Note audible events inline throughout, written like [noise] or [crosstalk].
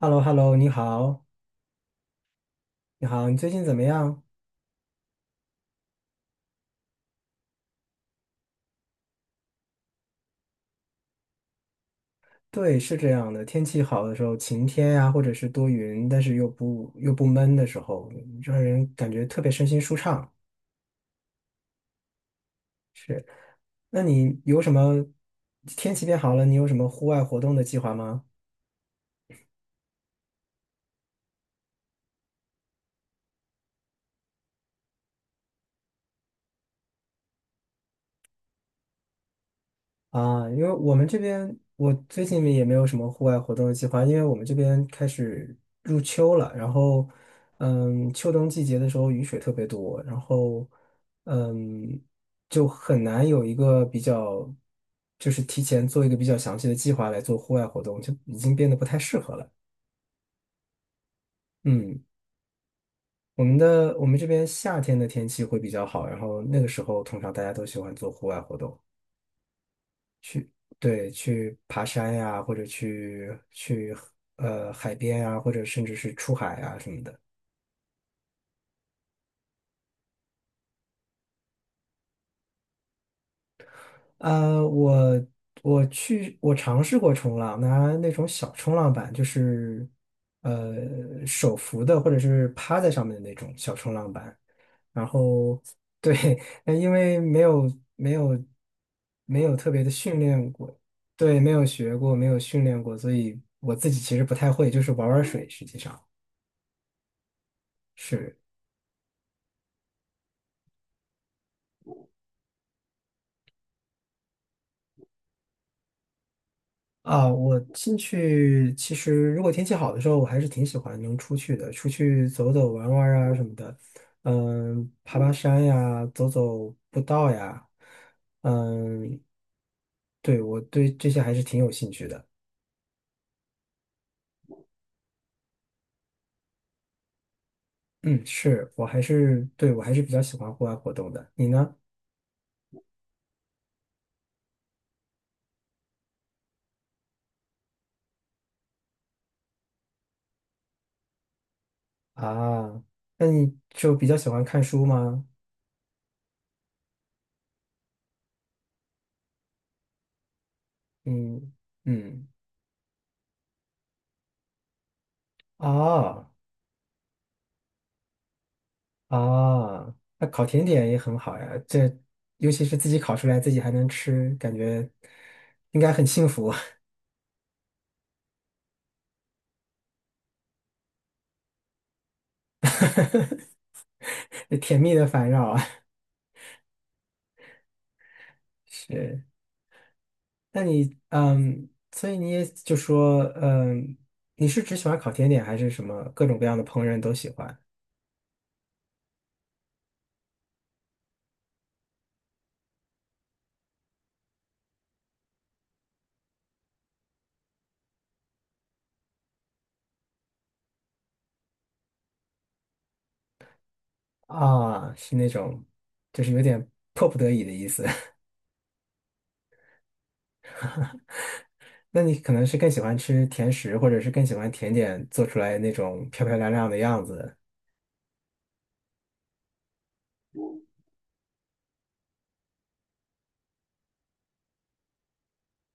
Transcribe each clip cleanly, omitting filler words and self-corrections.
h e l l o h e l l o 你好，你好，你最近怎么样？对，是这样的，天气好的时候，晴天呀、或者是多云，但是又不闷的时候，让人感觉特别身心舒畅。那你有什么天气变好了，你有什么户外活动的计划吗？啊，因为我们这边我最近也没有什么户外活动的计划，因为我们这边开始入秋了，然后，秋冬季节的时候雨水特别多，然后，嗯，就很难有一个比较，就是提前做一个比较详细的计划来做户外活动，就已经变得不太适合了。嗯，我们这边夏天的天气会比较好，然后那个时候通常大家都喜欢做户外活动。对，去爬山呀、或者去海边呀、或者甚至是出海啊什么的。呃，我我尝试过冲浪，拿那种小冲浪板，就是手扶的或者是趴在上面的那种小冲浪板。然后对，[laughs] 那因为没有特别的训练过，对，没有学过，没有训练过，所以我自己其实不太会，就是玩玩水，实际上是。啊，我进去其实如果天气好的时候，我还是挺喜欢能出去的，出去走走玩玩啊什么的，嗯，爬爬山呀，走走步道呀，嗯，对，我对这些还是挺有兴趣的。嗯，我还是比较喜欢户外活动的。你呢？啊，那你就比较喜欢看书吗？嗯嗯啊。哦啊，那烤甜点也很好呀，这尤其是自己烤出来，自己还能吃，感觉应该很幸福，[laughs] 甜蜜的烦扰啊。[laughs] 是，那你所以你也就说，你是只喜欢烤甜点，还是什么各种各样的烹饪都喜欢？啊，是那种，就是有点迫不得已的意思。[laughs] 那你可能是更喜欢吃甜食，或者是更喜欢甜点做出来那种漂漂亮亮的样子。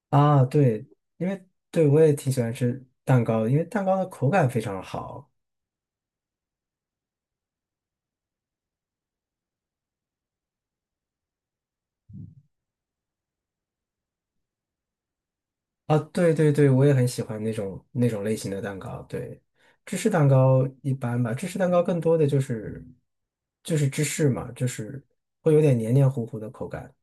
啊，对，因为对我也挺喜欢吃蛋糕的，因为蛋糕的口感非常好啊。对对对，我也很喜欢那种类型的蛋糕。对，芝士蛋糕一般吧，芝士蛋糕更多的就是芝士嘛，就是会有点黏黏糊糊的口感。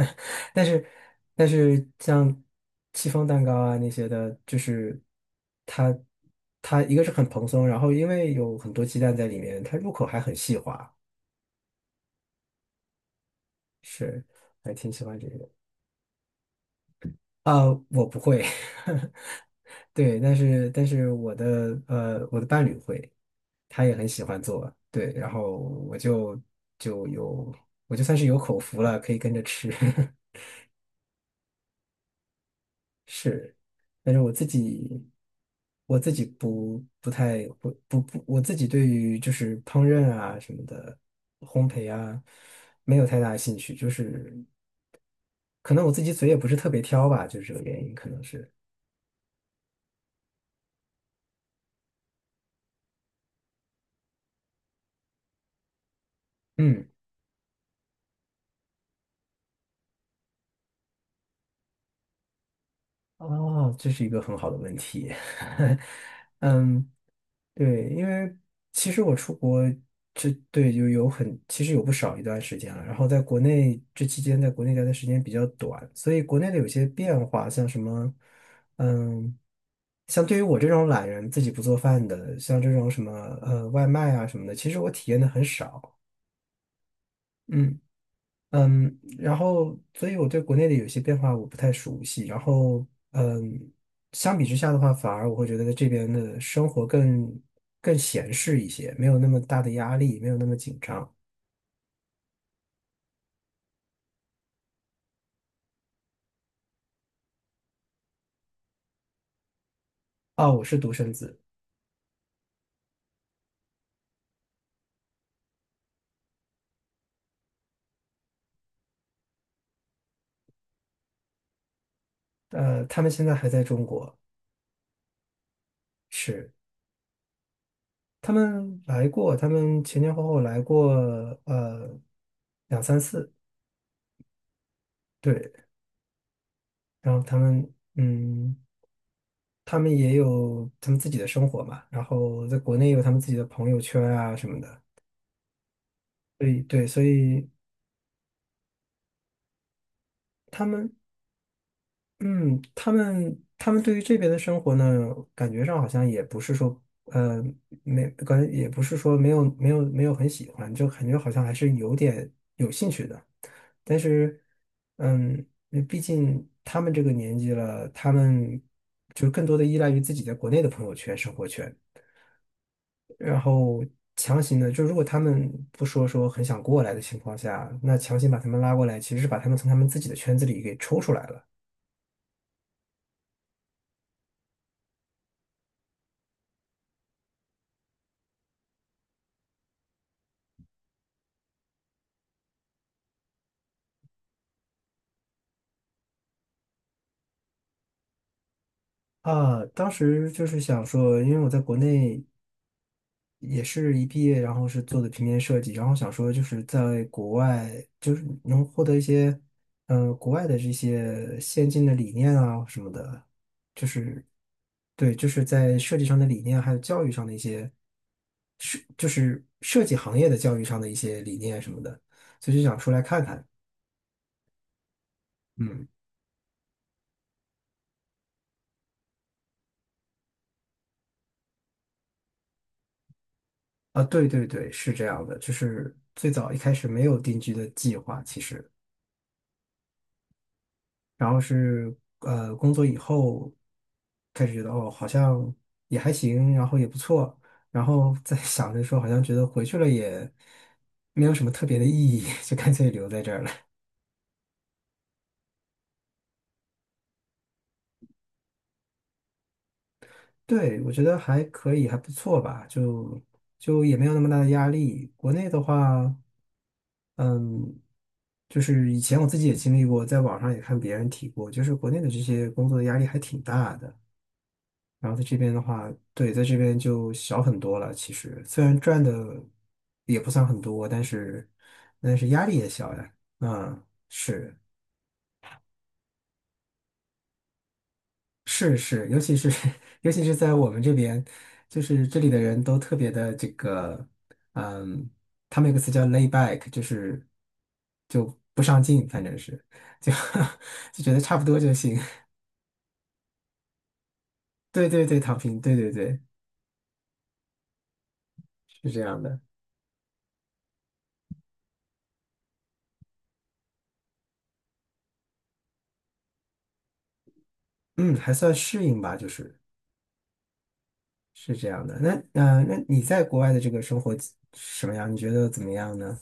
[laughs] 但是但是像戚风蛋糕啊那些的，就是它它一个是很蓬松，然后因为有很多鸡蛋在里面，它入口还很细滑，是还挺喜欢这个。啊，我不会，[laughs] 对，但是我的伴侣会，他也很喜欢做，对，然后我就就有我就算是有口福了，可以跟着吃，[laughs] 是，但是，我自己我自己不不太不不不，我自己对于就是烹饪啊什么的烘焙啊没有太大兴趣，就是可能我自己嘴也不是特别挑吧，就是这个原因，可能是，嗯。哦，这是一个很好的问题。[laughs] 嗯，对，因为其实我出国这对就有很其实有不少一段时间了，然后在国内这期间在国内待的时间比较短，所以国内的有些变化，像什么，嗯，像对于我这种懒人自己不做饭的，像这种什么外卖啊什么的，其实我体验的很少。嗯。嗯，然后，所以我对国内的有些变化我不太熟悉。然后，嗯，相比之下的话，反而我会觉得在这边的生活更闲适一些，没有那么大的压力，没有那么紧张。啊，我是独生子，他们现在还在中国，是他们来过，他们前前后后来过，呃，两三次，对。然后他们，嗯，他们也有他们自己的生活嘛，然后在国内有他们自己的朋友圈啊什么的。对对，所以他们，他们对于这边的生活呢，感觉上好像也不是说，没感觉也不是说没有很喜欢，就感觉好像还是有点有兴趣的。但是，嗯，那毕竟他们这个年纪了，他们就更多的依赖于自己在国内的朋友圈、生活圈。然后强行的，就如果他们不说说很想过来的情况下，那强行把他们拉过来，其实是把他们从他们自己的圈子里给抽出来了。啊，当时就是想说，因为我在国内也是一毕业，然后是做的平面设计，然后想说就是在国外，就是能获得一些，国外的这些先进的理念啊什么的，就是对，就是在设计上的理念，还有教育上的一些，就是设计行业的教育上的一些理念什么的，所以就想出来看看。嗯，啊，对对对，是这样的，就是最早一开始没有定居的计划，其实。然后是工作以后开始觉得哦好像也还行，然后也不错，然后在 [laughs] 想着说好像觉得回去了也没有什么特别的意义，[laughs] 就干脆留在这儿了。对，我觉得还可以，还不错吧，就也没有那么大的压力。国内的话，嗯，就是以前我自己也经历过，在网上也看别人提过，就是国内的这些工作的压力还挺大的。然后在这边的话，对，在这边就小很多了。其实虽然赚的也不算很多，但是压力也小呀。嗯，是是是，尤其是 [laughs] 尤其是在我们这边，就是这里的人都特别的这个，嗯，他们有个词叫 lay back，就不上进，反正是就 [laughs] 就觉得差不多就行。[laughs] 对对对，躺平，对对对，是这样的。嗯，还算适应吧，就是。是这样的。那你在国外的这个生活什么样？你觉得怎么样呢？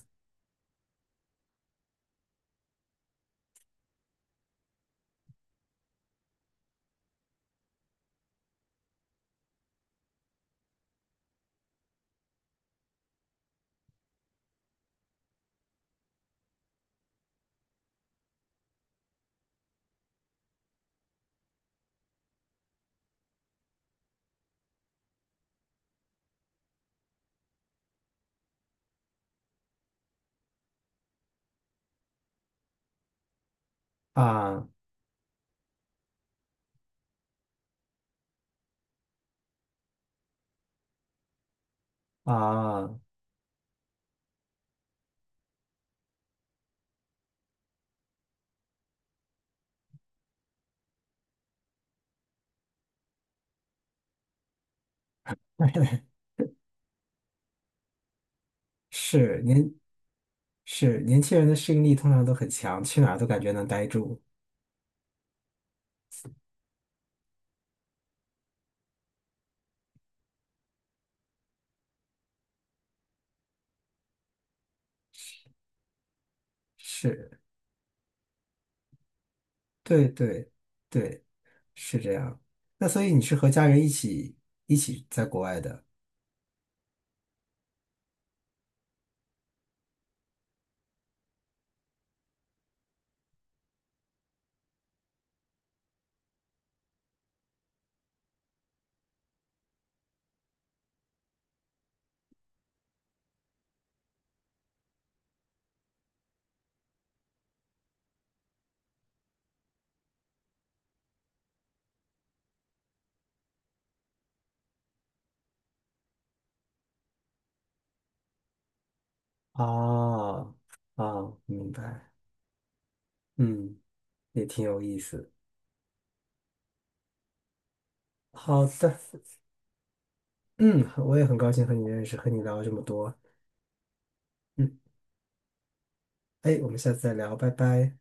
啊啊，[laughs] 是年是年轻人的适应力通常都很强，去哪儿都感觉能待住。是，对对对，是这样。那所以你是和家人一起在国外的？哦哦，明白。嗯，也挺有意思。好的，嗯，我也很高兴和你认识，和你聊了这么多。嗯，哎，我们下次再聊，拜拜。